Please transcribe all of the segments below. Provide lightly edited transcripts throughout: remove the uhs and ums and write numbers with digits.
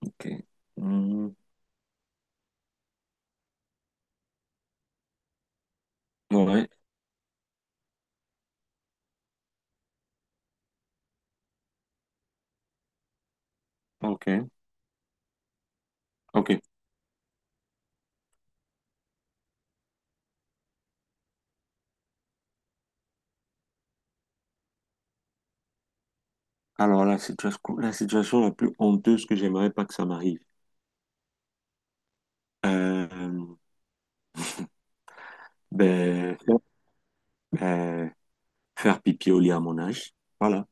Ok. Hmm. Ouais, ok, ok. Alors, la situation, la plus honteuse que j'aimerais pas que ça m'arrive. Euh, ben, euh, Faire pipi au lit à mon âge. Voilà,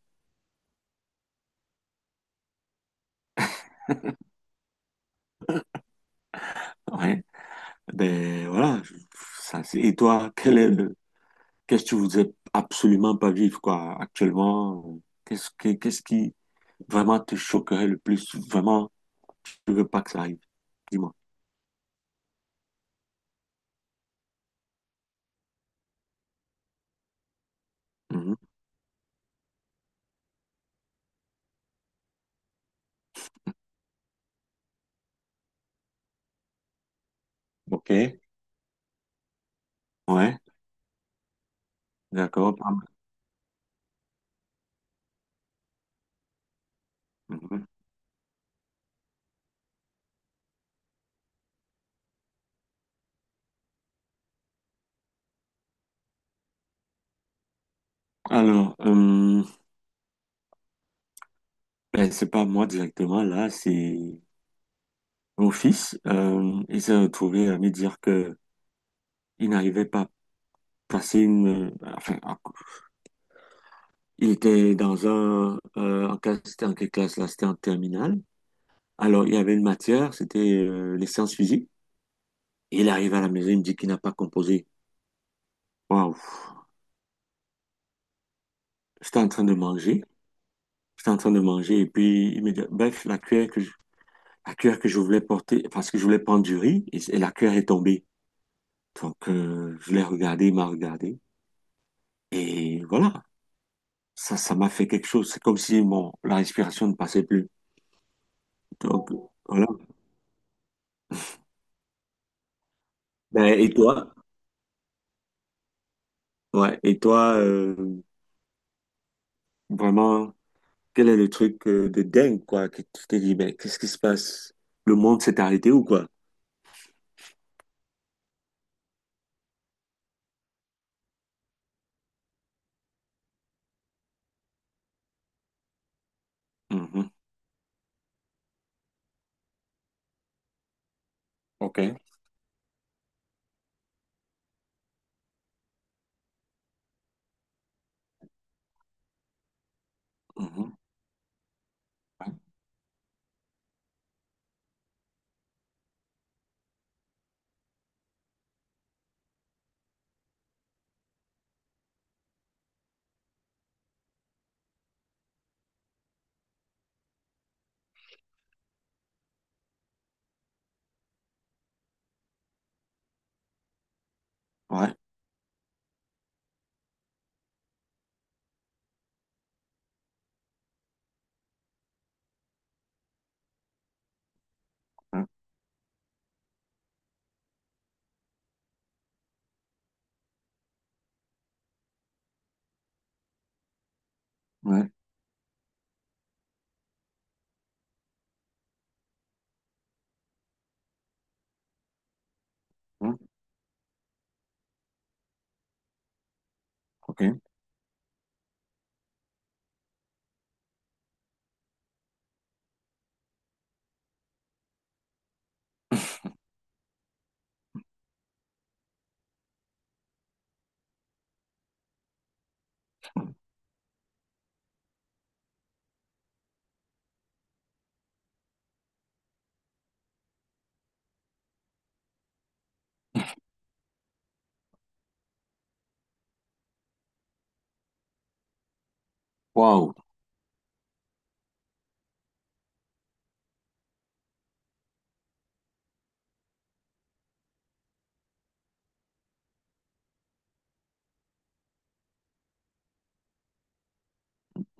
ouais. Ben, voilà. je- et toi, qu'est-ce que tu voudrais absolument pas vivre, quoi, actuellement? Qu'est-ce qui vraiment te choquerait le plus? Vraiment, tu veux pas que ça arrive. Dis-moi. Mhm. Ok. Ouais, d'accord. Pas mal. Mhm. Alors, euh, c'est pas moi directement, là, c'est mon fils. Il s'est retrouvé à me dire que il n'arrivait pas à passer Enfin, à- il était dans un, en classe, c'était en quelle classe là? C'était en terminale. Alors, il y avait une matière, c'était les sciences physiques. Et il arrive à la maison, il me dit qu'il n'a pas composé. Waouh! J'étais en train de manger. J'étais en train de manger et puis il me dit, bref, la cuillère que je voulais porter, parce que je voulais prendre du riz, et la cuillère est tombée. Donc, je l'ai regardé, il m'a regardé. Et voilà, ça m'a fait quelque chose. C'est comme si la respiration ne passait plus. Donc, voilà. Ben, et toi? Ouais, et toi, vraiment, quel est le truc de dingue, quoi, que tu t'es dit, ben, qu'est-ce qui se passe? Le monde s'est arrêté ou quoi? Mhm. OK. Mhm. Ouais. Ouais. Ouais. Ouais. OK. Waouh.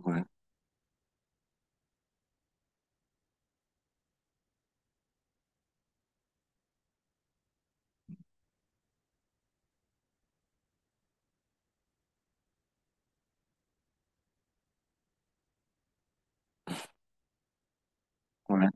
Ouais. Ouais.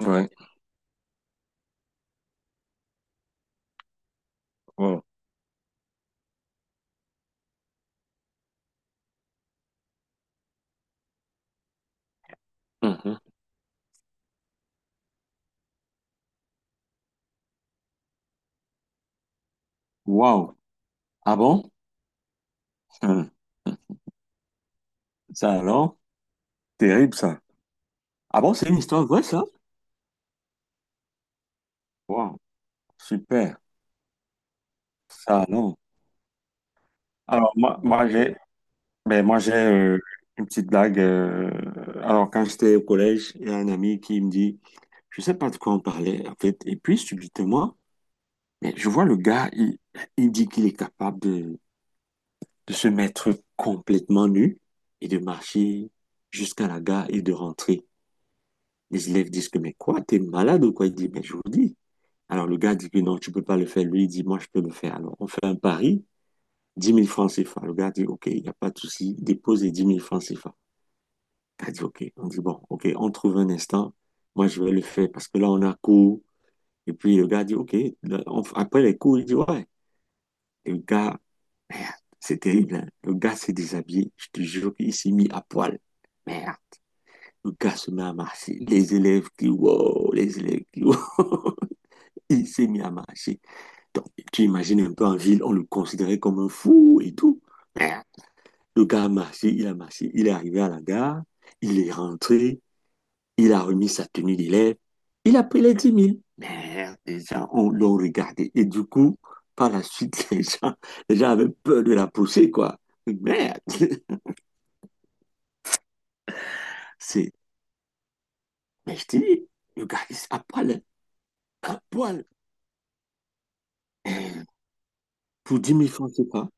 Ouais. Wow. Mhm. Waouh. Ah bon? Hum. Ça alors? Terrible, ça. Ah bon, c'est une histoire vraie, ça? Waouh. Super. Ça alors? Alors, moi, moi j'ai Moi, j'ai une petite blague. Alors, quand j'étais au collège, il y a un ami qui me dit, je sais pas de quoi on parlait, en fait. Et puis, subitement, je vois il dit qu'il est capable de, se mettre complètement nu et de marcher jusqu'à la gare et de rentrer. Les élèves disent que, mais quoi, t'es malade ou quoi? Il dit, mais je vous dis. Alors, le gars dit que non, tu peux pas le faire. Lui, il dit, moi, je peux le faire. Alors, on fait un pari. 10 000 francs CFA. Le gars dit, OK, il n'y a pas de souci, dépose les 10 000 francs CFA. Elle dit, OK, on dit, bon, OK, on trouve un instant. Moi, je vais le faire parce que là, on a cours. Et puis, le gars dit, OK, là, après les cours, il dit, ouais. Et le gars, merde, c'est terrible, hein. Le gars s'est déshabillé. Je te jure qu'il s'est mis à poil. Merde. Le gars se met à marcher. Les élèves qui, wow, les élèves qui, wow. Il s'est mis à marcher. Donc, tu imagines un peu en ville, on le considérait comme un fou et tout. Merde. Le gars a marché, il est arrivé à la gare, il est rentré. Il a remis sa tenue d'élève. Il a pris les 10 000. Merde, les gens l'ont regardé. Et du coup, par la suite, les gens avaient peur de la pousser, quoi. Merde. C'est, mais Je te dis, le gars, il est à poil, hein, à poil. Euh, pour 10 000 francs, c'est pas.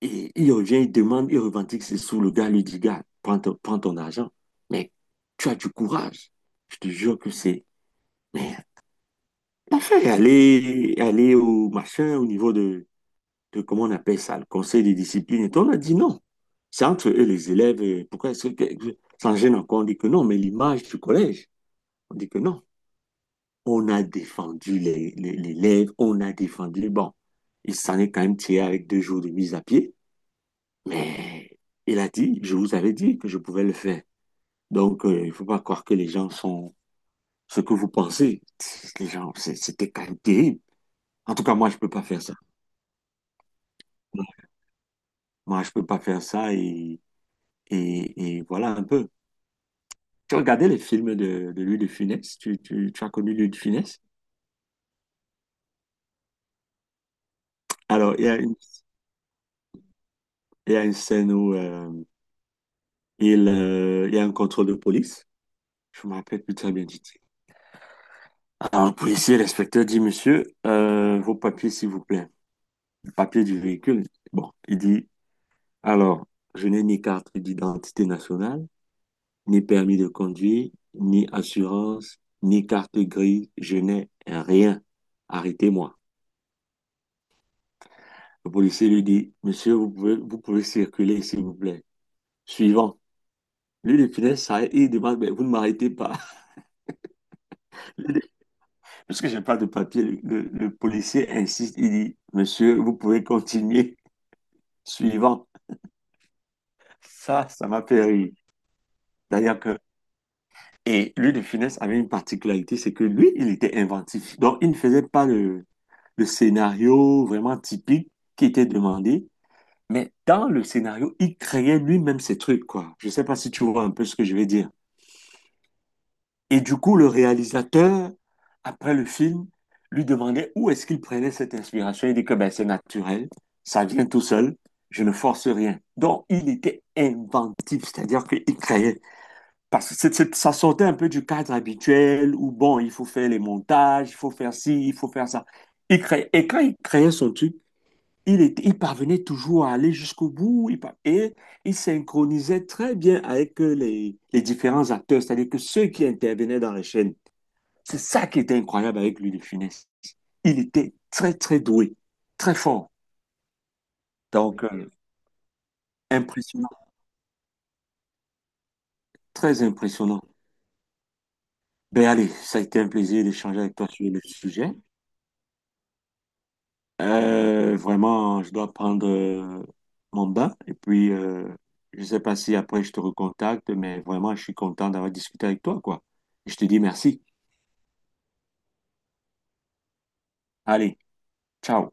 Et il revient, il demande, il revendique ses sous. Le gars lui dit, gars, prends ton argent. Mais tu as du courage. Je te jure que c'est, merde. Enfin, aller au machin, au niveau de comment on appelle ça, le conseil de discipline. Et on a dit non. C'est entre eux, les élèves. Pourquoi ça gêne encore? On dit que non, mais l'image du collège, on dit que non. On a défendu l'élève, on a défendu. Bon, il s'en est quand même tiré avec 2 jours de mise à pied, mais il a dit, je vous avais dit que je pouvais le faire. Donc, il ne faut pas croire que les gens sont ce que vous pensez. Les gens, c'était quand même terrible. En tout cas, moi, je ne peux pas faire ça. Moi, je ne peux pas faire ça et voilà un peu. Tu regardais les films de Louis de Funès? Tu as connu Louis de Funès? Alors, il y a une, il y a une scène où il y a un contrôle de police. Je me rappelle plus très bien du titre. Alors, le policier, l'inspecteur dit, Monsieur, vos papiers, s'il vous plaît. Les papiers du véhicule. Bon, il dit, alors, je n'ai ni carte d'identité nationale, ni permis de conduire, ni assurance, ni carte grise. Je n'ai rien. Arrêtez-moi. Le policier lui dit, Monsieur, vous pouvez circuler, s'il vous plaît. Suivant. Lui, les punaises s'arrête et il demande, mais vous ne m'arrêtez pas. Parce que j'ai pas de papier. Le policier insiste, il dit, monsieur, vous pouvez continuer. Suivant. Ça m'a fait rire. D'ailleurs que, et lui, de Funès avait une particularité, c'est que lui, il était inventif. Donc, il ne faisait pas le scénario vraiment typique qui était demandé, mais dans le scénario, il créait lui-même ses trucs, quoi. Je sais pas si tu vois un peu ce que je vais dire. Et du coup, le réalisateur, après le film, lui demandait où est-ce qu'il prenait cette inspiration. Il dit que ben, c'est naturel, ça vient tout seul, je ne force rien. Donc, il était inventif, c'est-à-dire qu'il créait. Parce que ça sortait un peu du cadre habituel où, bon, il faut faire les montages, il faut faire ci, il faut faire ça. Il créait. Et quand il créait son truc, il parvenait toujours à aller jusqu'au bout. Il par- Et Il synchronisait très bien avec les différents acteurs, c'est-à-dire que ceux qui intervenaient dans les chaînes. C'est ça qui était incroyable avec lui, de Funès. Il était très doué, très fort. Donc, impressionnant, très impressionnant. Ben allez, ça a été un plaisir d'échanger avec toi sur le sujet. Vraiment, je dois prendre mon bain et puis je ne sais pas si après je te recontacte, mais vraiment, je suis content d'avoir discuté avec toi, quoi. Je te dis merci. Allez, ciao.